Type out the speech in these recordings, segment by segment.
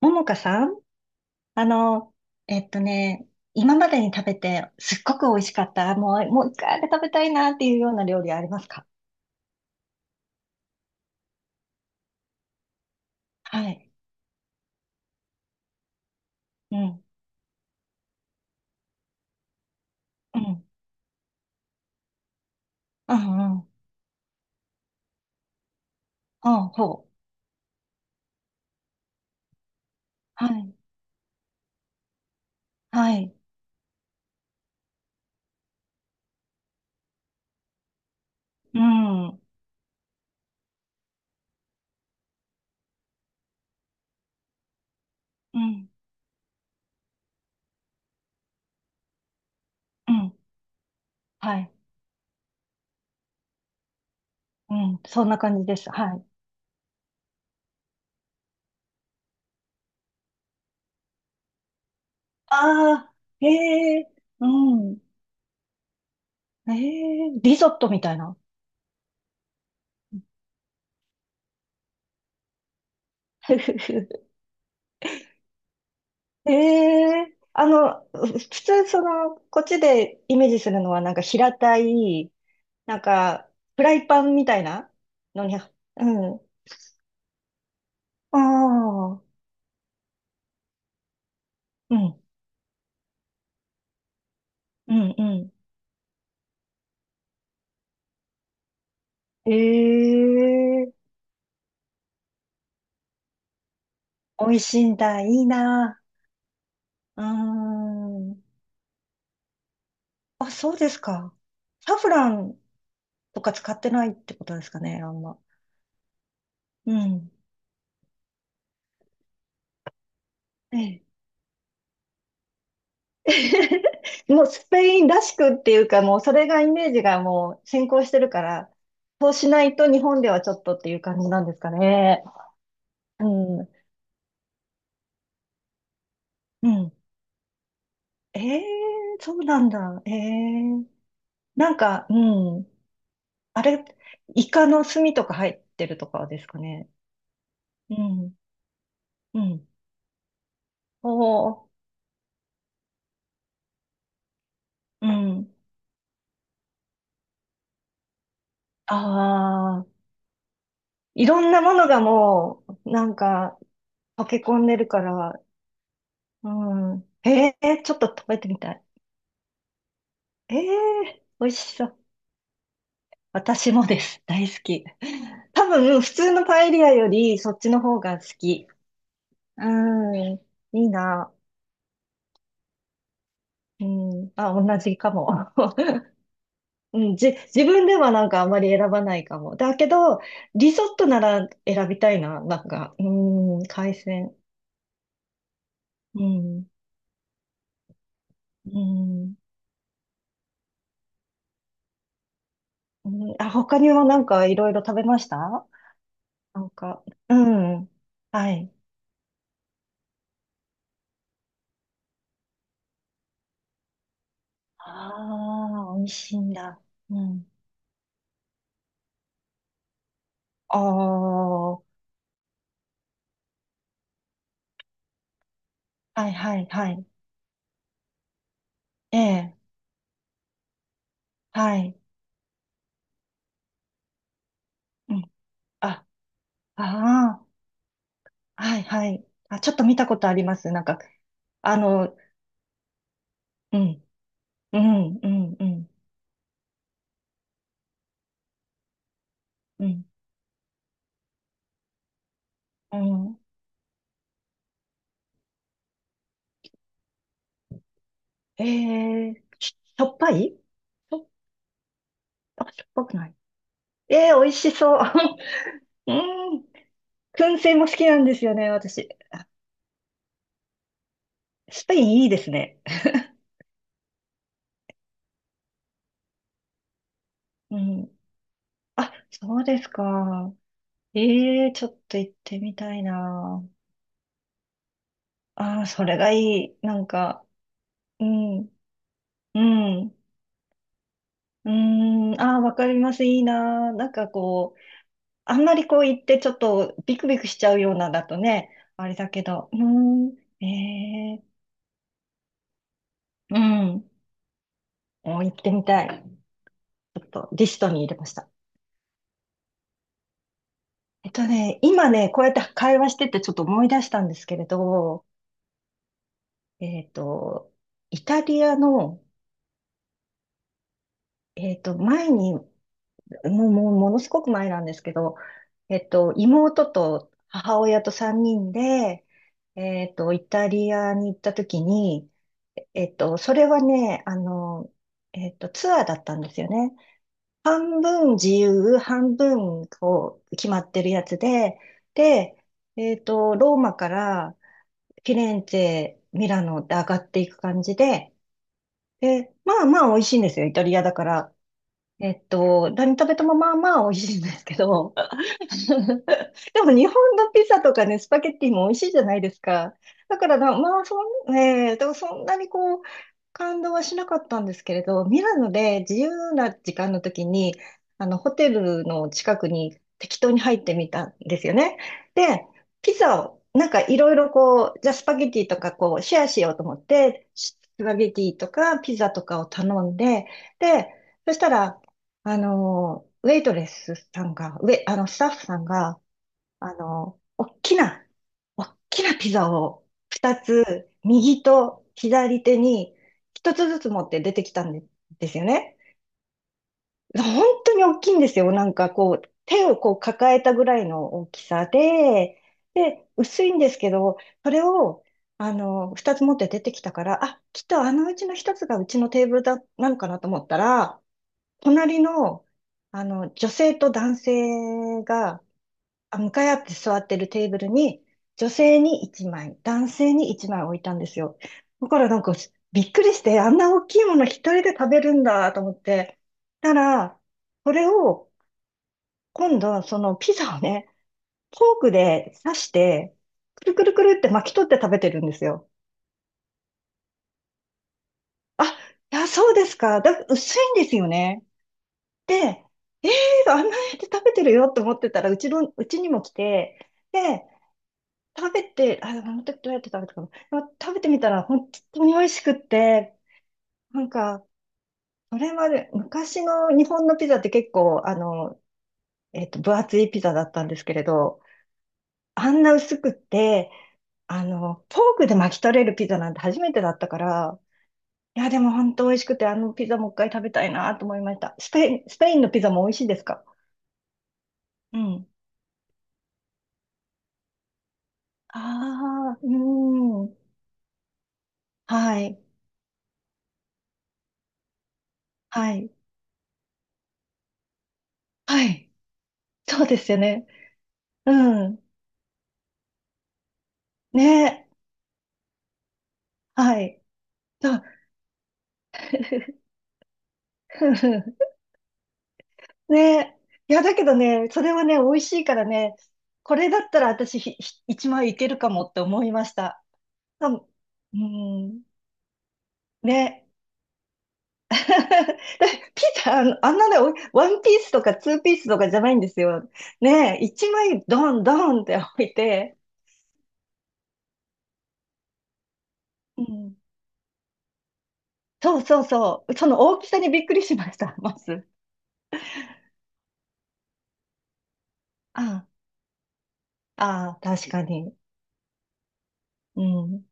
ももかさん、あの、えっとね、今までに食べてすっごく美味しかった、もう一回あれ食べたいなっていうような料理ありますか？はい。うん、うん、うん、うん。あ、ほう。はい、はい、うん、うん、うん、はい、うん、そんな感じです。はい。ああ。へえ。うん。へえ、リゾットみたいな。ふふふ。え、普通その、こっちでイメージするのはなんか平たい、なんか、フライパンみたいなのに、うん。ああ、うん、うん、うん。ええ、美味しいんだ、いいな。うーん。あ、そうですか。サフランとか使ってないってことですかね、あんま。うん。ええ。もうスペインらしくっていうか、もうそれがイメージがもう先行してるから、そうしないと日本ではちょっとっていう感じなんですかね。うん。うん。ええ、そうなんだ。ええ、なんか、うん。あれ、イカの墨とか入ってるとかですかね。うん。うん。おお、うん。ああ、いろんなものがもう、なんか、溶け込んでるから、うん。ええ、ちょっと食べてみたい。ええ、美味しそう。私もです。大好き。多分、普通のパエリアより、そっちの方が好き。うん。いいな。うん、あ、同じかも。自分ではなんかあんまり選ばないかも。だけど、リゾットなら選びたいな。なんか、うん、海鮮。うん、うん、うん。あ、他にはなんかいろいろ食べました？なんか、うん。はい。ああ、美味しいんだ。うん。ああ、はいはいはい。ええ、はい。うん。あ、ああ、はいはい。あ、ちょっと見たことあります。なんか、あの、うん。うん、うん、うん、うん、うん。ええししょっぱいしょ、あ、しょっぱくない。えー、美味しそう。うん。燻製も好きなんですよね、私。スペインいいですね。うん。あ、そうですか。ええ、ちょっと行ってみたいな。ああ、それがいい。なんか、うん、うん、うん。ああ、わかります。いいな。なんかこう、あんまりこう言ってちょっとビクビクしちゃうようなだとね、あれだけど、うーん、えー、うん、もう行ってみたい。ちょっとリストに入れました。今ね、こうやって会話しててちょっと思い出したんですけれど、えっと、イタリアの、前にものすごく前なんですけど、妹と母親と3人で、イタリアに行った時に、それはね、ツアーだったんですよね。半分自由、半分こう、決まってるやつで、で、えっと、ローマからフィレンツェ、ミラノで上がっていく感じで、で、まあまあ美味しいんですよ、イタリアだから。何食べてもまあまあ美味しいんですけど、でも日本のピザとかね、スパゲッティも美味しいじゃないですか。だからな、まあそん、ねえ、でもそんなにこう、感動はしなかったんですけれど、ミラノで自由な時間の時に、あの、ホテルの近くに適当に入ってみたんですよね。で、ピザを、なんかいろいろこう、じゃあスパゲッティとかこう、シェアしようと思って、スパゲッティとかピザとかを頼んで、で、そしたら、あの、ウェイトレスさんが、ウェ、あの、スタッフさんが、あの、おっきなピザを2つ、右と左手に1つずつ持って出てきたんで、ですよね。本当に大きいんですよ。なんかこう、手をこう抱えたぐらいの大きさで、で、薄いんですけど、それを、あの、2つ持って出てきたから、あ、きっとあのうちの1つがうちのテーブルだ、なのかなと思ったら、隣の、あの、女性と男性が、あ、向かい合って座ってるテーブルに、女性に1枚、男性に1枚置いたんですよ。だからなんか、びっくりして、あんな大きいもの一人で食べるんだと思って。たら、それを、今度、そのピザをね、フォークで刺して、くるくるくるって巻き取って食べてるんですよ。あ、いや、そうですか。だ、薄いんですよね。で、えー、あんなやって食べてるよって思ってたら、うちの、うちにも来て、で、食べて、あ、あの時どうやって食べたかな。でも食べてみたら本当に美味しくって、なんか、それまで、昔の日本のピザって結構、あの、分厚いピザだったんですけれど、あんな薄くって、あの、フォークで巻き取れるピザなんて初めてだったから、いや、でも本当美味しくて、あのピザもう一回食べたいなと思いました。スペインのピザも美味しいですか？うん。ああ、うーん。はい。はい。はい。そうですよね。うん。ね。はい。そう。ね。いや、だけどね、それはね、美味しいからね、これだったら私ひ、ひ一枚いけるかもって思いました。多分、うん。ね。だピザ、あのあんなね、おワンピースとかツーピースとかじゃないんですよ。ね、一枚ドンドンって置いて、うん、そうそうそう。その大きさにびっくりしました、まず。ああ、ああ、確かに。うん。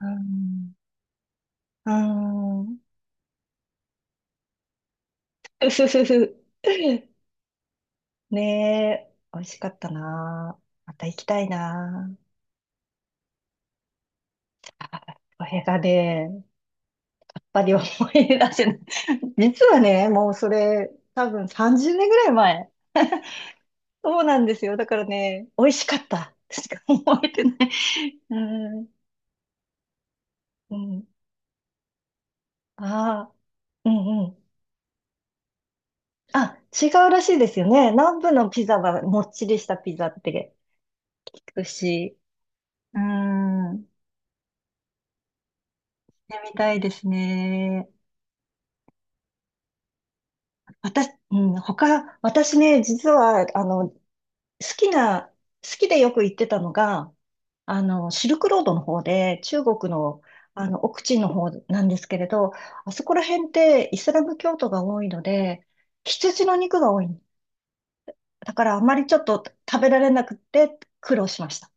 うん、うん。ふふふふ。ねえ、美味しかったな。また行きたいな。あこれがね、やっぱり思い出せない。実はね、もうそれ、多分30年ぐらい前。そうなんですよ。だからね、美味しかった。しか思えてない。うん。うん。ああ、うんうん。あ、違うらしいですよね。南部のピザはもっちりしたピザって聞くし。うーん。行ってみたいですね。私、うん、他、私ね、実は、あの、きな、好きでよく行ってたのが、あの、シルクロードの方で、中国の、あの、奥地の方なんですけれど、あそこら辺ってイスラム教徒が多いので、羊の肉が多い。だからあまりちょっと食べられなくて苦労しました。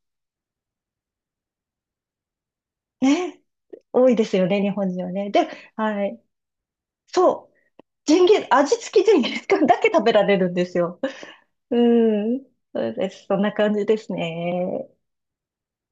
ね。多いですよね、日本人はね。で、はい。そう。ジンギス、味付きジンギスカンだけ食べられるんですよ。うん。そうです。そんな感じですね。